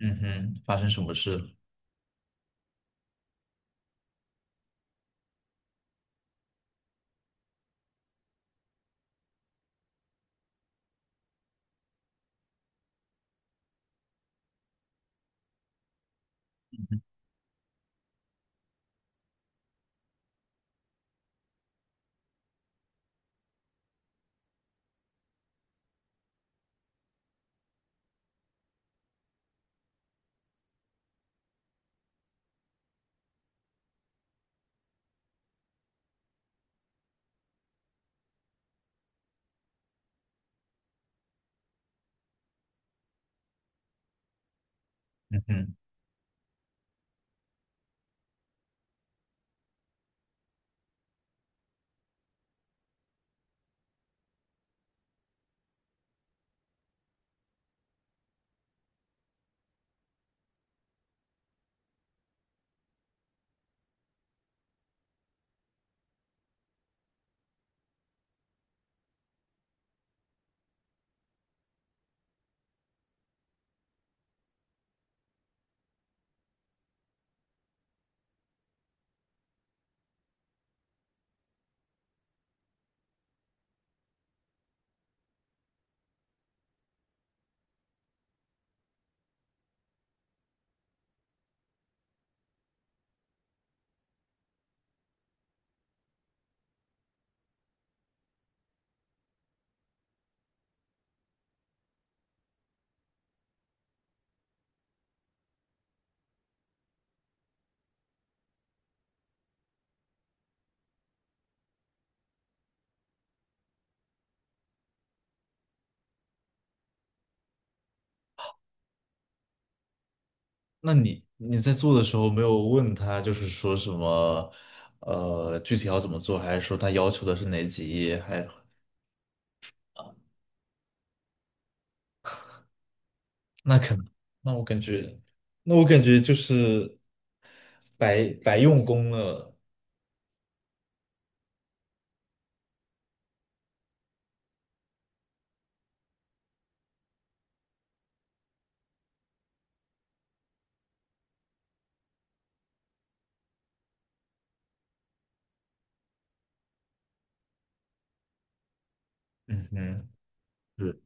嗯哼，发生什么事了？嗯哼。那你在做的时候没有问他，就是说什么，具体要怎么做，还是说他要求的是哪几页？还那可能，那我感觉，那我感觉就是白白用功了。嗯哼，是。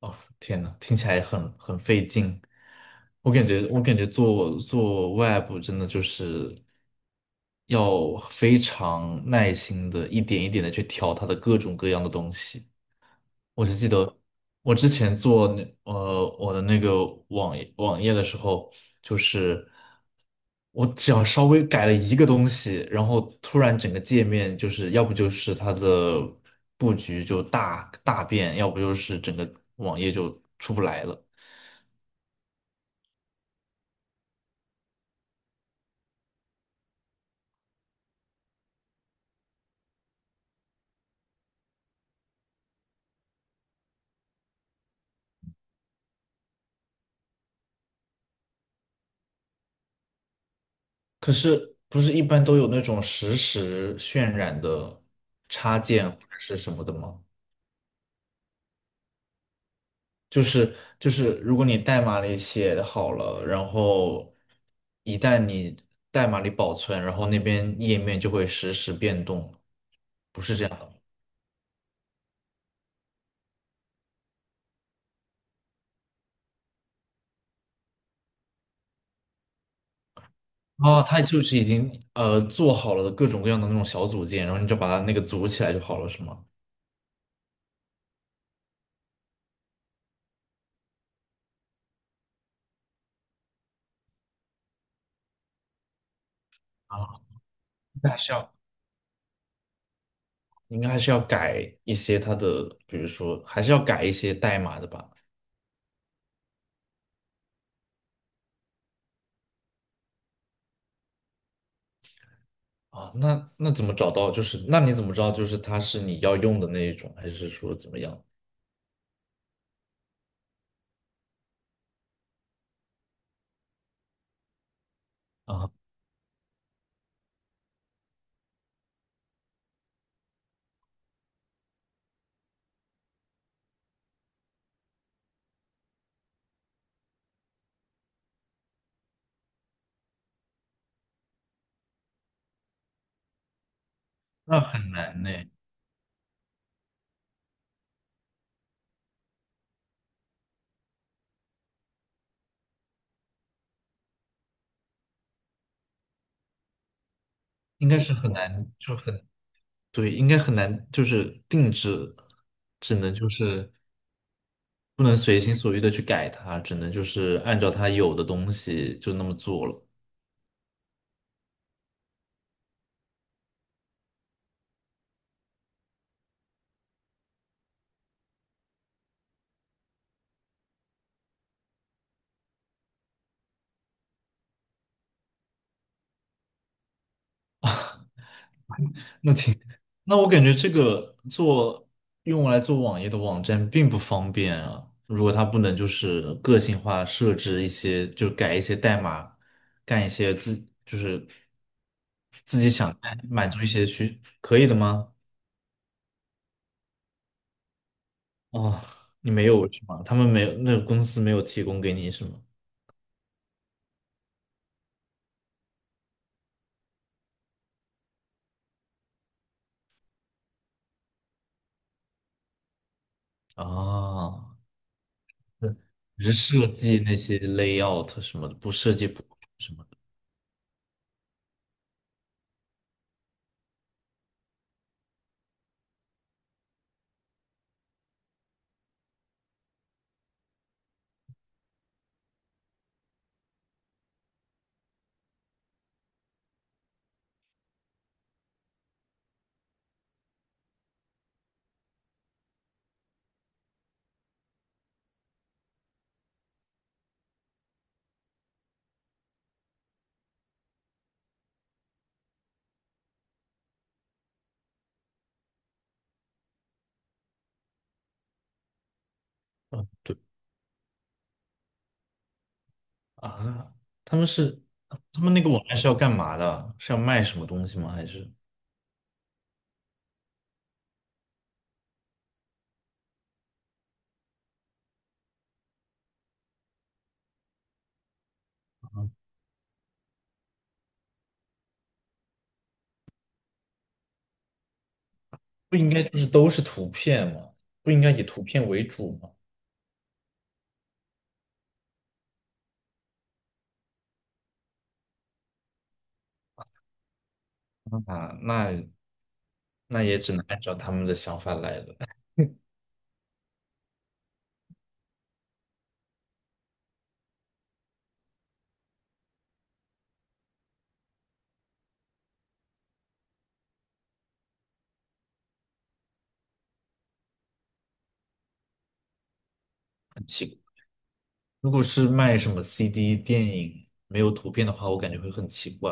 哦，天呐，听起来很费劲。我感觉，我感觉做 web 真的就是要非常耐心的，一点一点的去调它的各种各样的东西。我就记得我之前做那我的那个网页的时候，就是我只要稍微改了一个东西，然后突然整个界面就是要不就是它的布局就大大变，要不就是整个网页就出不来了。可是不是一般都有那种实时渲染的插件或者是什么的吗？就是，如果你代码里写好了，然后一旦你代码里保存，然后那边页面就会实时变动，不是这样的。哦，它就是已经做好了各种各样的那种小组件，然后你就把它那个组起来就好了，是吗？啊，那还是要，应该还是要改一些它的，比如说还是要改一些代码的吧。啊，那那怎么找到？就是那你怎么知道就是它是你要用的那一种，还是说怎么样？啊，那很难呢。应该是很难，就很，对，应该很难，就是定制，只能就是不能随心所欲的去改它，只能就是按照它有的东西就那么做了。那挺，那我感觉这个做用来做网页的网站并不方便啊。如果它不能就是个性化设置一些，就改一些代码，干一些自，就是满足一些需，可以的吗？哦，你没有是吗？他们没有，那个公司没有提供给你是吗？啊，对。只是设计那些 layout 什么的，不设计不什么的，对啊。他们是他们那个网站是要干嘛的？是要卖什么东西吗？还是不应该就是都是图片吗？不应该以图片为主吗？啊，那那也只能按照他们的想法来了，很奇怪。如果是卖什么 CD 电影没有图片的话，我感觉会很奇怪，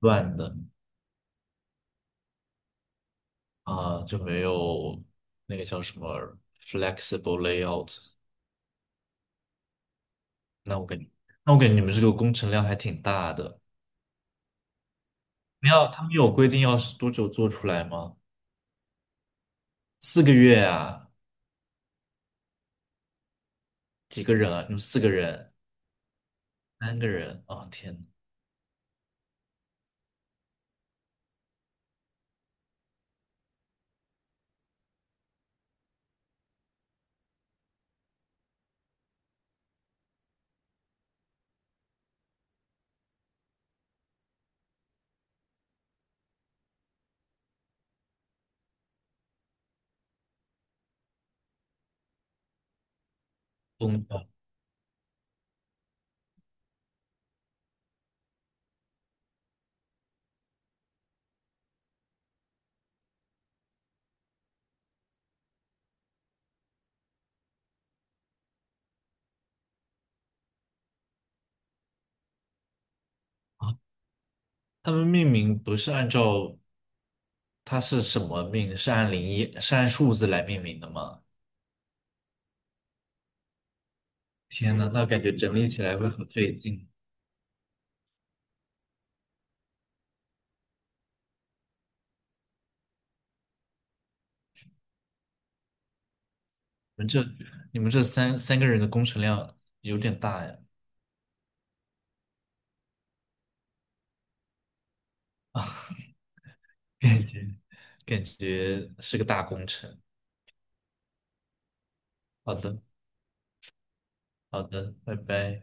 乱的。啊，就没有那个叫什么 flexible layout。那我感觉，那我感觉你们这个工程量还挺大的。没有，他们有规定要是多久做出来吗？四个月啊？几个人啊？你们四个人？三个人？哦，天呐，疯了！他们命名不是按照它是什么命，是按零一，是按数字来命名的吗？天呐，那感觉整理起来会很费劲。你们这你们这三个人的工程量有点大呀，感觉感觉是个大工程。好的。好的，拜拜。